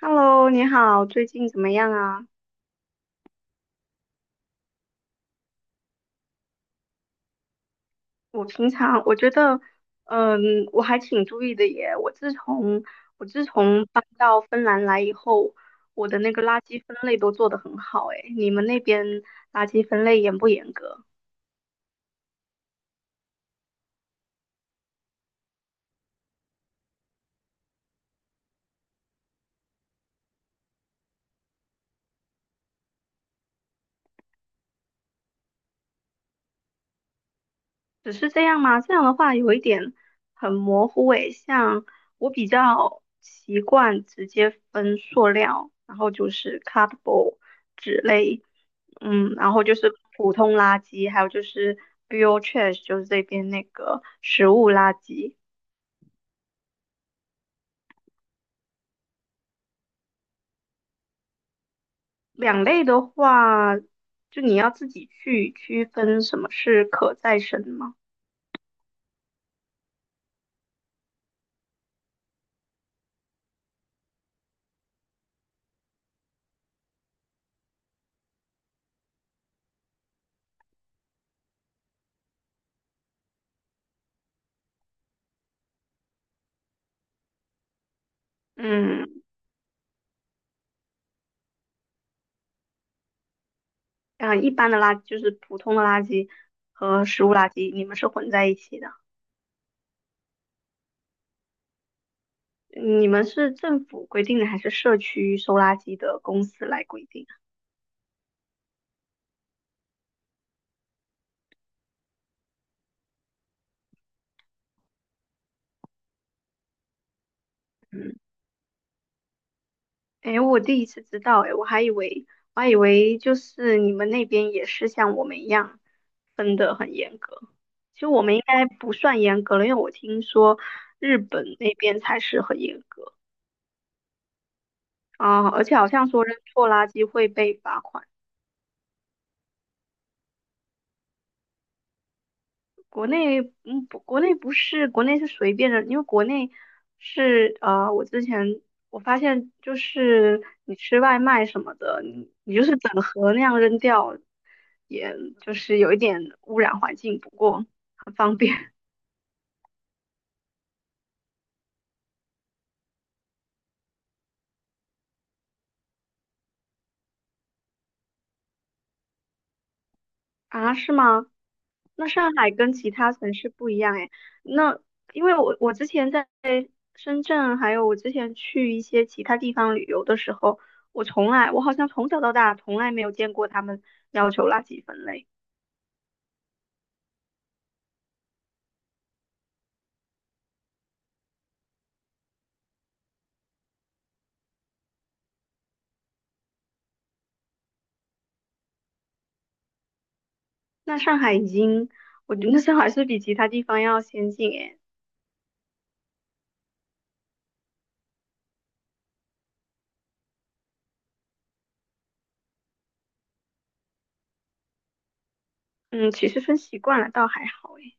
Hello，你好，最近怎么样啊？我平常我觉得，嗯，我还挺注意的耶。我自从搬到芬兰来以后，我的那个垃圾分类都做得很好诶。你们那边垃圾分类严不严格？只是这样吗？这样的话有一点很模糊诶，像我比较习惯直接分塑料，然后就是 cardboard 纸类，然后就是普通垃圾，还有就是 bio trash，就是这边那个食物垃圾。两类的话，就你要自己去区分什么是可再生吗？嗯，嗯，一般的垃圾就是普通的垃圾和食物垃圾，你们是混在一起的。你们是政府规定的，还是社区收垃圾的公司来规定？嗯，哎，我第一次知道，哎，我还以为就是你们那边也是像我们一样分得很严格。其实我们应该不算严格了，因为我听说日本那边才是很严格啊，而且好像说扔错垃圾会被罚款。国内，不，国内不是，国内是随便的，因为国内是，我之前我发现就是你吃外卖什么的，你就是整盒那样扔掉，也就是有一点污染环境，不过很方便。 啊，是吗？那上海跟其他城市不一样诶，那因为我之前在深圳，还有我之前去一些其他地方旅游的时候，我从来，我好像从小到大从来没有见过他们要求垃圾分类。那上海已经，我觉得上海是比其他地方要先进诶。嗯，其实分习惯了倒还好诶。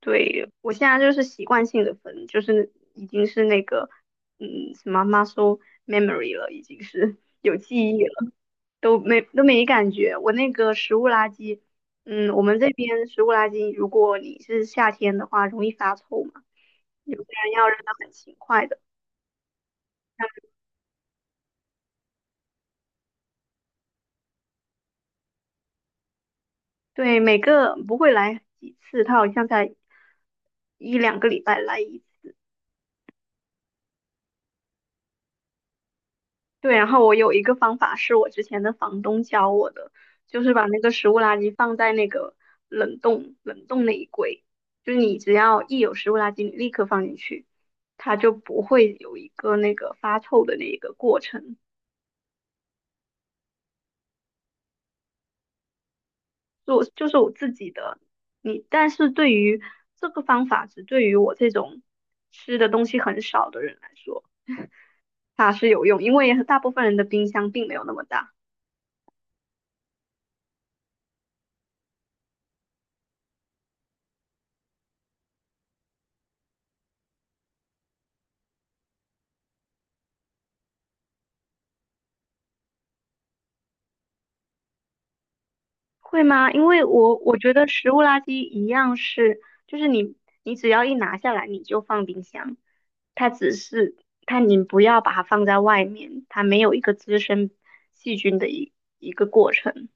对，我现在就是习惯性的分，就是已经是那个，嗯，什么 muscle memory 了，已经是有记忆了。都没感觉。我那个食物垃圾，嗯，我们这边食物垃圾，如果你是夏天的话，容易发臭嘛，有些人要扔的很勤快的。对，每个不会来几次，他好像才一两个礼拜来一次。对，然后我有一个方法是我之前的房东教我的，就是把那个食物垃圾放在那个冷冻那一柜，就是你只要一有食物垃圾，你立刻放进去，它就不会有一个那个发臭的那一个过程。就我就是我自己的，你但是对于这个方法，只对于我这种吃的东西很少的人来说，它是有用，因为大部分人的冰箱并没有那么大。会吗？因为我觉得食物垃圾一样是，就是你只要一拿下来，你就放冰箱，它只是它你不要把它放在外面，它没有一个滋生细菌的一个过程。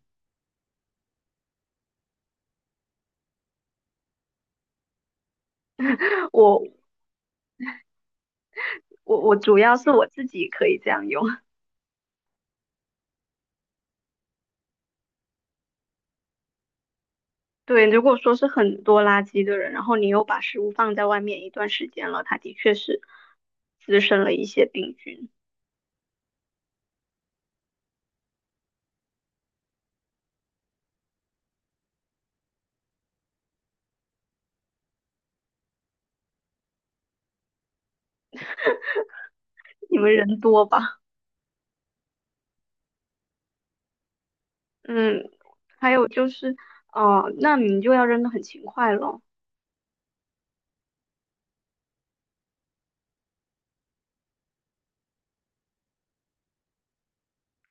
我我主要是我自己可以这样用。对，如果说是很多垃圾的人，然后你又把食物放在外面一段时间了，它的确是滋生了一些病菌。你们人多吧？嗯，还有就是，哦，那你就要扔的很勤快咯。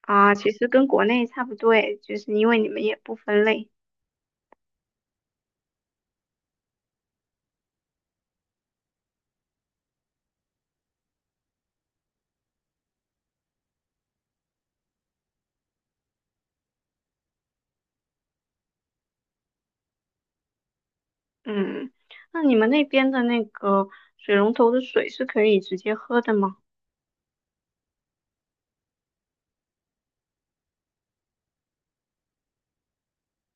啊，其实跟国内差不多诶，就是因为你们也不分类。嗯，那你们那边的那个水龙头的水是可以直接喝的吗？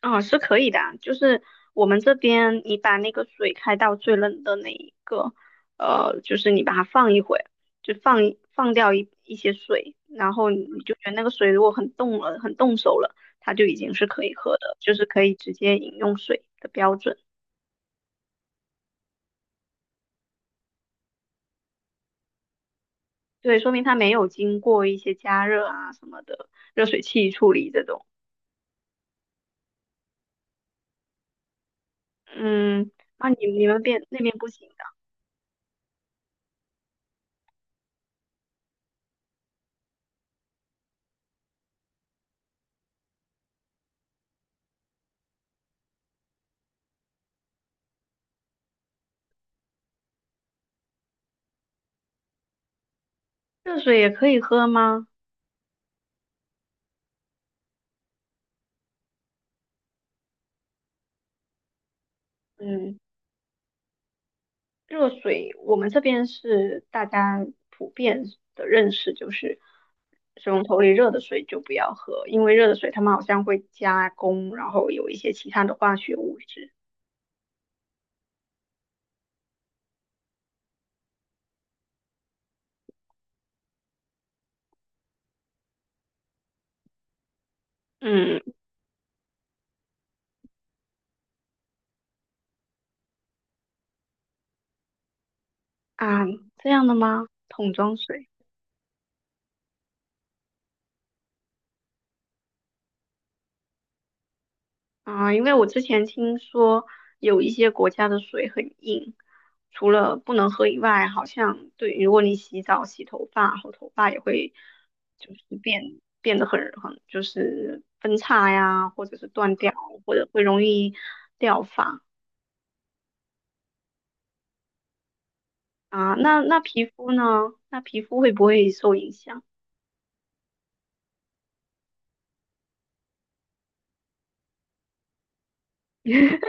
嗯，是可以的啊，就是我们这边你把那个水开到最冷的那一个，就是你把它放一会，就放一放掉一些水，然后你就觉得那个水如果很冻了，很冻手了，它就已经是可以喝的，就是可以直接饮用水的标准。对，说明它没有经过一些加热啊什么的热水器处理这种。嗯，啊，你你们那边不行的，热水也可以喝吗？嗯。热水，我们这边是大家普遍的认识，就是水龙头里热的水就不要喝，因为热的水他们好像会加工，然后有一些其他的化学物质。嗯，啊，这样的吗？桶装水。啊，因为我之前听说有一些国家的水很硬，除了不能喝以外，好像对，如果你洗澡、洗头发后，头发也会就是变得很就是分叉呀，或者是断掉，或者会容易掉发啊。那那皮肤呢？那皮肤会不会受影响？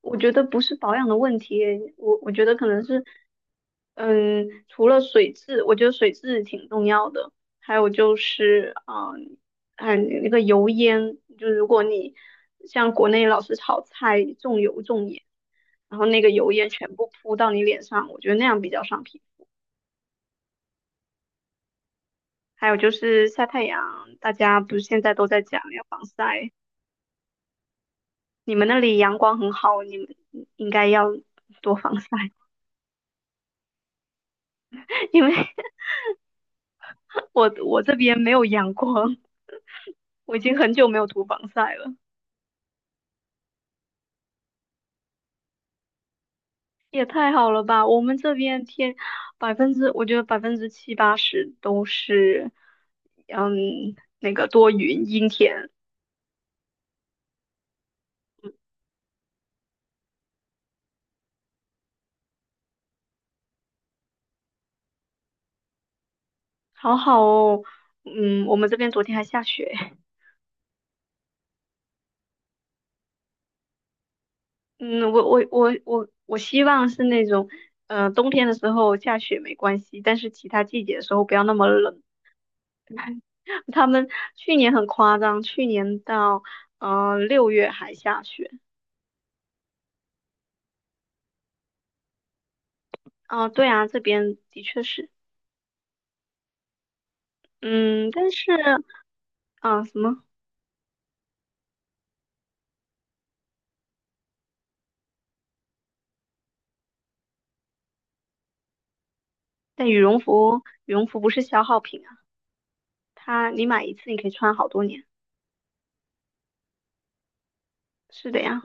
我觉得不是保养的问题，我觉得可能是，嗯，除了水质，我觉得水质挺重要的，还有就是，嗯，嗯，那个油烟，就是如果你像国内老是炒菜重油重盐，然后那个油烟全部扑到你脸上，我觉得那样比较伤皮肤。还有就是晒太阳，大家不是现在都在讲要防晒，你们那里阳光很好，你们应该要多防晒，因为我这边没有阳光，我已经很久没有涂防晒了，也太好了吧！我们这边天百分之，我觉得70%-80%都是，嗯，那个多云阴天，好好哦。嗯，我们这边昨天还下雪。嗯，我希望是那种，冬天的时候下雪没关系，但是其他季节的时候不要那么冷。他们去年很夸张，去年到6月还下雪。啊，对啊，这边的确是，嗯，但是啊，什么？但羽绒服，羽绒服不是消耗品啊，它你买一次你可以穿好多年。是的呀，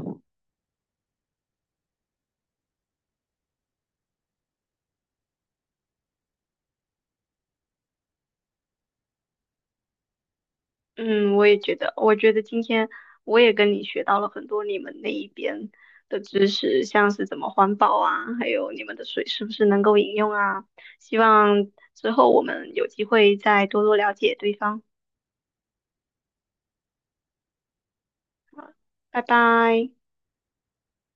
嗯，我也觉得，我觉得今天我也跟你学到了很多你们那一边的知识，像是怎么环保啊，还有你们的水是不是能够饮用啊？希望之后我们有机会再多多了解对方。啊，拜拜。